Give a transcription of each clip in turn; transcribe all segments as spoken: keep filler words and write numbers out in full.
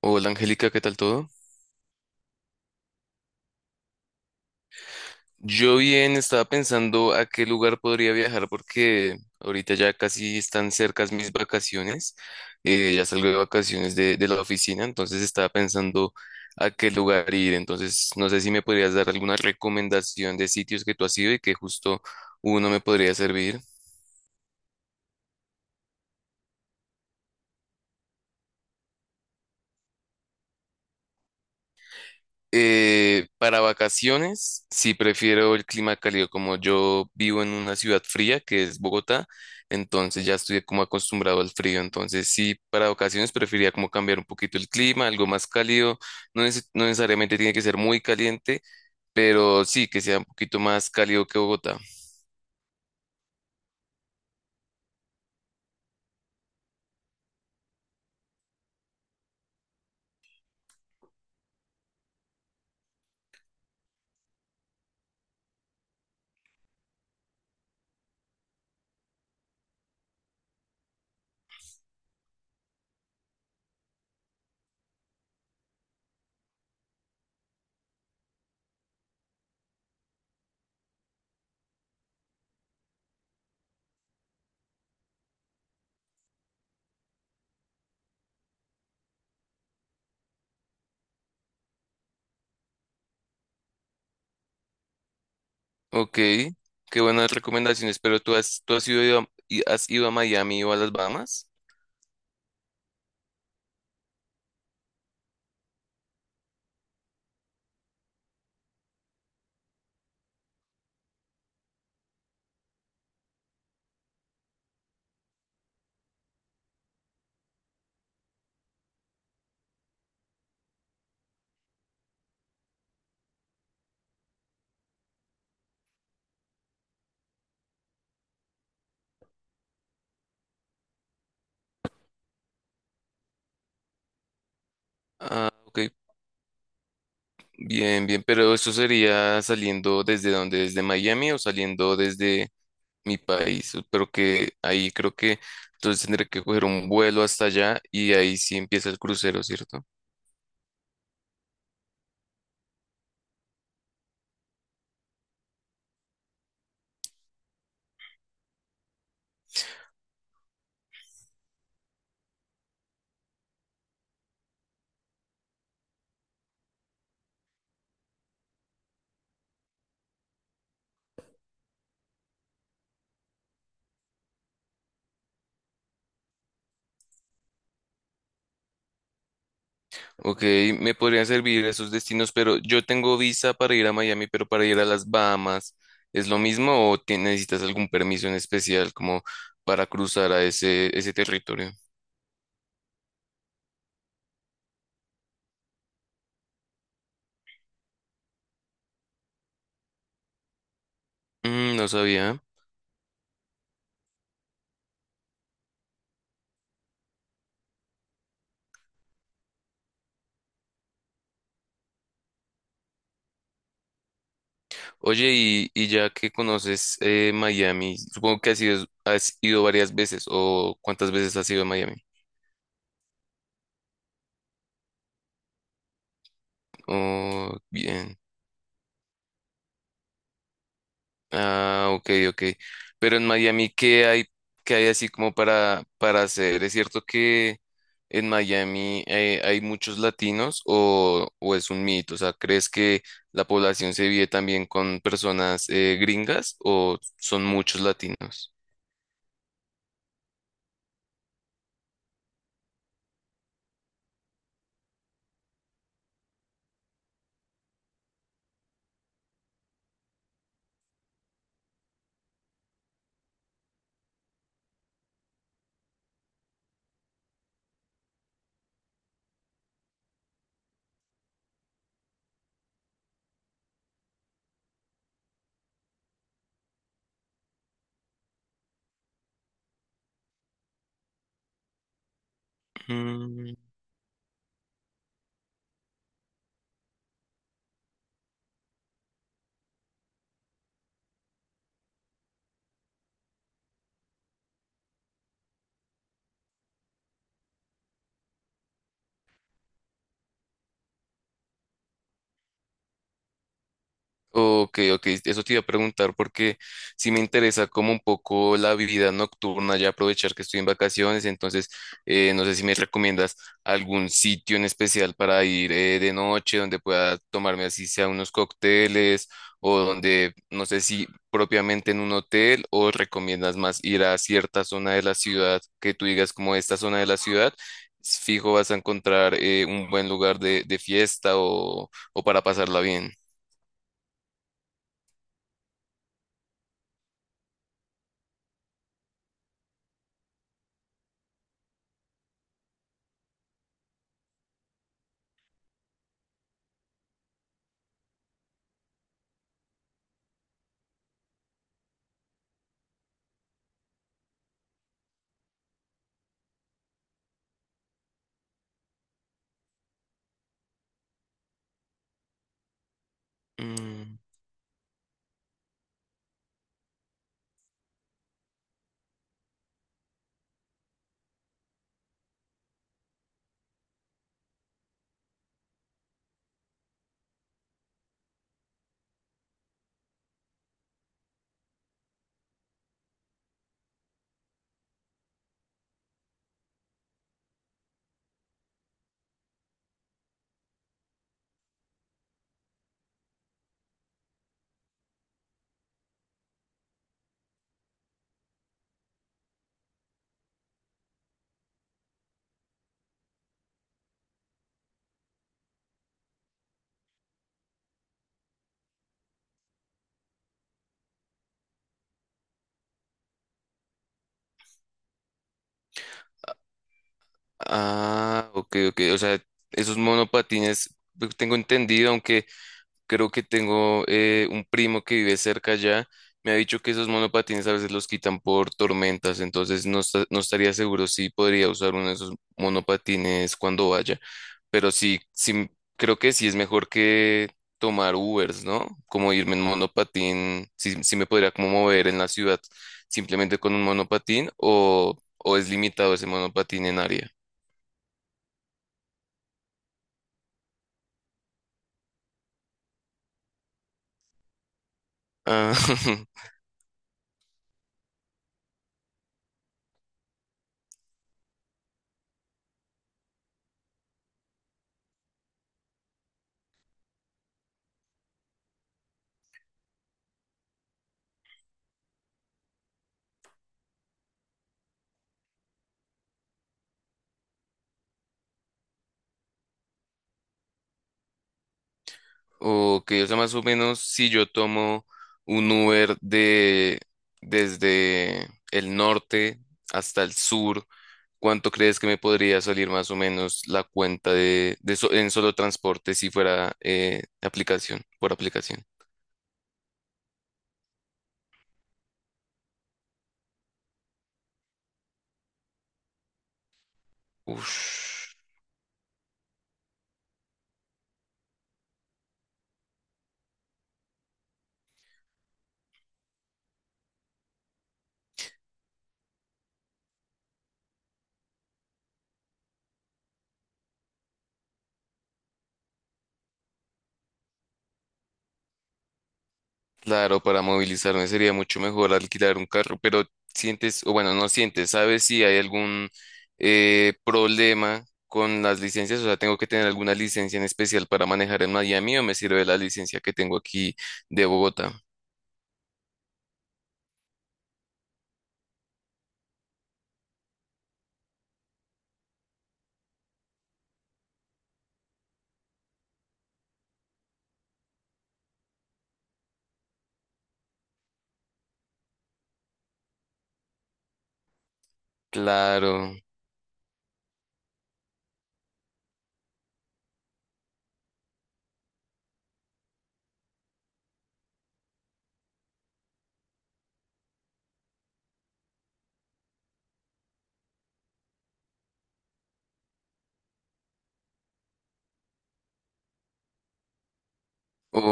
Hola, Angélica, ¿qué tal todo? Yo bien, estaba pensando a qué lugar podría viajar porque ahorita ya casi están cercas mis vacaciones. Eh, ya salgo de vacaciones de, de la oficina, entonces estaba pensando a qué lugar ir. Entonces no sé si me podrías dar alguna recomendación de sitios que tú has ido y que justo uno me podría servir. Eh, para vacaciones, sí prefiero el clima cálido. Como yo vivo en una ciudad fría que es Bogotá, entonces ya estoy como acostumbrado al frío. Entonces sí, para vacaciones preferiría como cambiar un poquito el clima, algo más cálido. No, neces- no necesariamente tiene que ser muy caliente, pero sí que sea un poquito más cálido que Bogotá. Ok, qué buenas recomendaciones, pero tú has, tú has ido a, ¿y has ido a Miami o a las Bahamas? Ah, ok, bien, bien, pero eso sería saliendo desde donde, ¿desde Miami o saliendo desde mi país? Pero que ahí creo que entonces tendré que coger un vuelo hasta allá y ahí sí empieza el crucero, ¿cierto? Ok, me podrían servir esos destinos, pero yo tengo visa para ir a Miami. Pero para ir a las Bahamas, ¿es lo mismo o te- necesitas algún permiso en especial como para cruzar a ese, ese territorio? Mm, no sabía. Oye, y, y ya que conoces, eh, Miami, supongo que has ido, ¿has ido varias veces, o cuántas veces has ido a Miami? Oh, bien. Ah, ok, ok. Pero en Miami, ¿qué hay, qué hay así como para, para hacer? ¿Es cierto que en Miami, eh, hay muchos latinos o, o es un mito? O sea, ¿crees que la población se vive también con personas, eh, gringas o son muchos latinos? Mm. Ok, ok, eso te iba a preguntar porque sí me interesa como un poco la vida nocturna, ya aprovechar que estoy en vacaciones. Entonces, eh, no sé si me recomiendas algún sitio en especial para ir, eh, de noche, donde pueda tomarme así sea unos cócteles, o donde, no sé si propiamente en un hotel, o recomiendas más ir a cierta zona de la ciudad que tú digas como esta zona de la ciudad, fijo vas a encontrar, eh, un buen lugar de, de fiesta o, o para pasarla bien. Mm. Ah, ok, ok. O sea, esos monopatines, pues, tengo entendido, aunque creo que tengo, eh, un primo que vive cerca allá, me ha dicho que esos monopatines a veces los quitan por tormentas. Entonces no, esta- no estaría seguro si podría usar uno de esos monopatines cuando vaya. Pero sí, sí, creo que sí es mejor que tomar Ubers, ¿no? Como irme en monopatín, sí, sí me podría como mover en la ciudad simplemente con un monopatín, o, o es limitado ese monopatín en área. Ah, ok, o sea, más o menos si yo tomo un Uber de desde el norte hasta el sur, ¿cuánto crees que me podría salir más o menos la cuenta de, de so- en solo transporte si fuera, eh, aplicación, por aplicación? Uf. Claro, para movilizarme sería mucho mejor alquilar un carro, pero sientes, o bueno, no sientes, ¿sabes si hay algún, eh, problema con las licencias? O sea, ¿tengo que tener alguna licencia en especial para manejar en Miami o me sirve la licencia que tengo aquí de Bogotá? Claro. o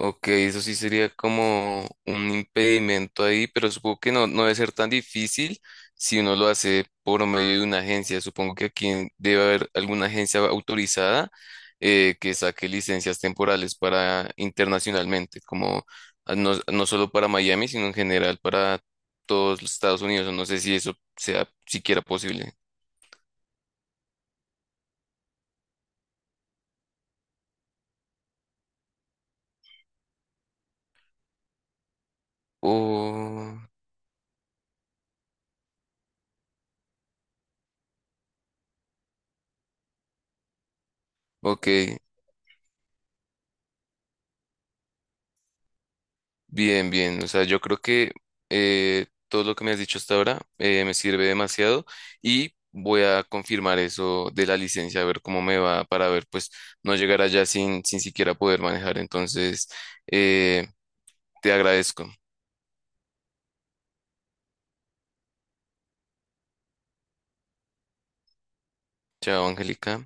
Ok, eso sí sería como un impedimento ahí, pero supongo que no, no debe ser tan difícil si uno lo hace por medio de una agencia. Supongo que aquí en- debe haber alguna agencia autorizada, eh, que saque licencias temporales para internacionalmente, como, ah, no, no solo para Miami, sino en general para todos los Estados Unidos. No sé si eso sea siquiera posible. Oh, ok. Bien, bien. O sea, yo creo que, eh, todo lo que me has dicho hasta ahora, eh, me sirve demasiado, y voy a confirmar eso de la licencia, a ver cómo me va, para ver, pues, no llegar allá sin, sin siquiera poder manejar. Entonces, eh, te agradezco. Chao, Angélica.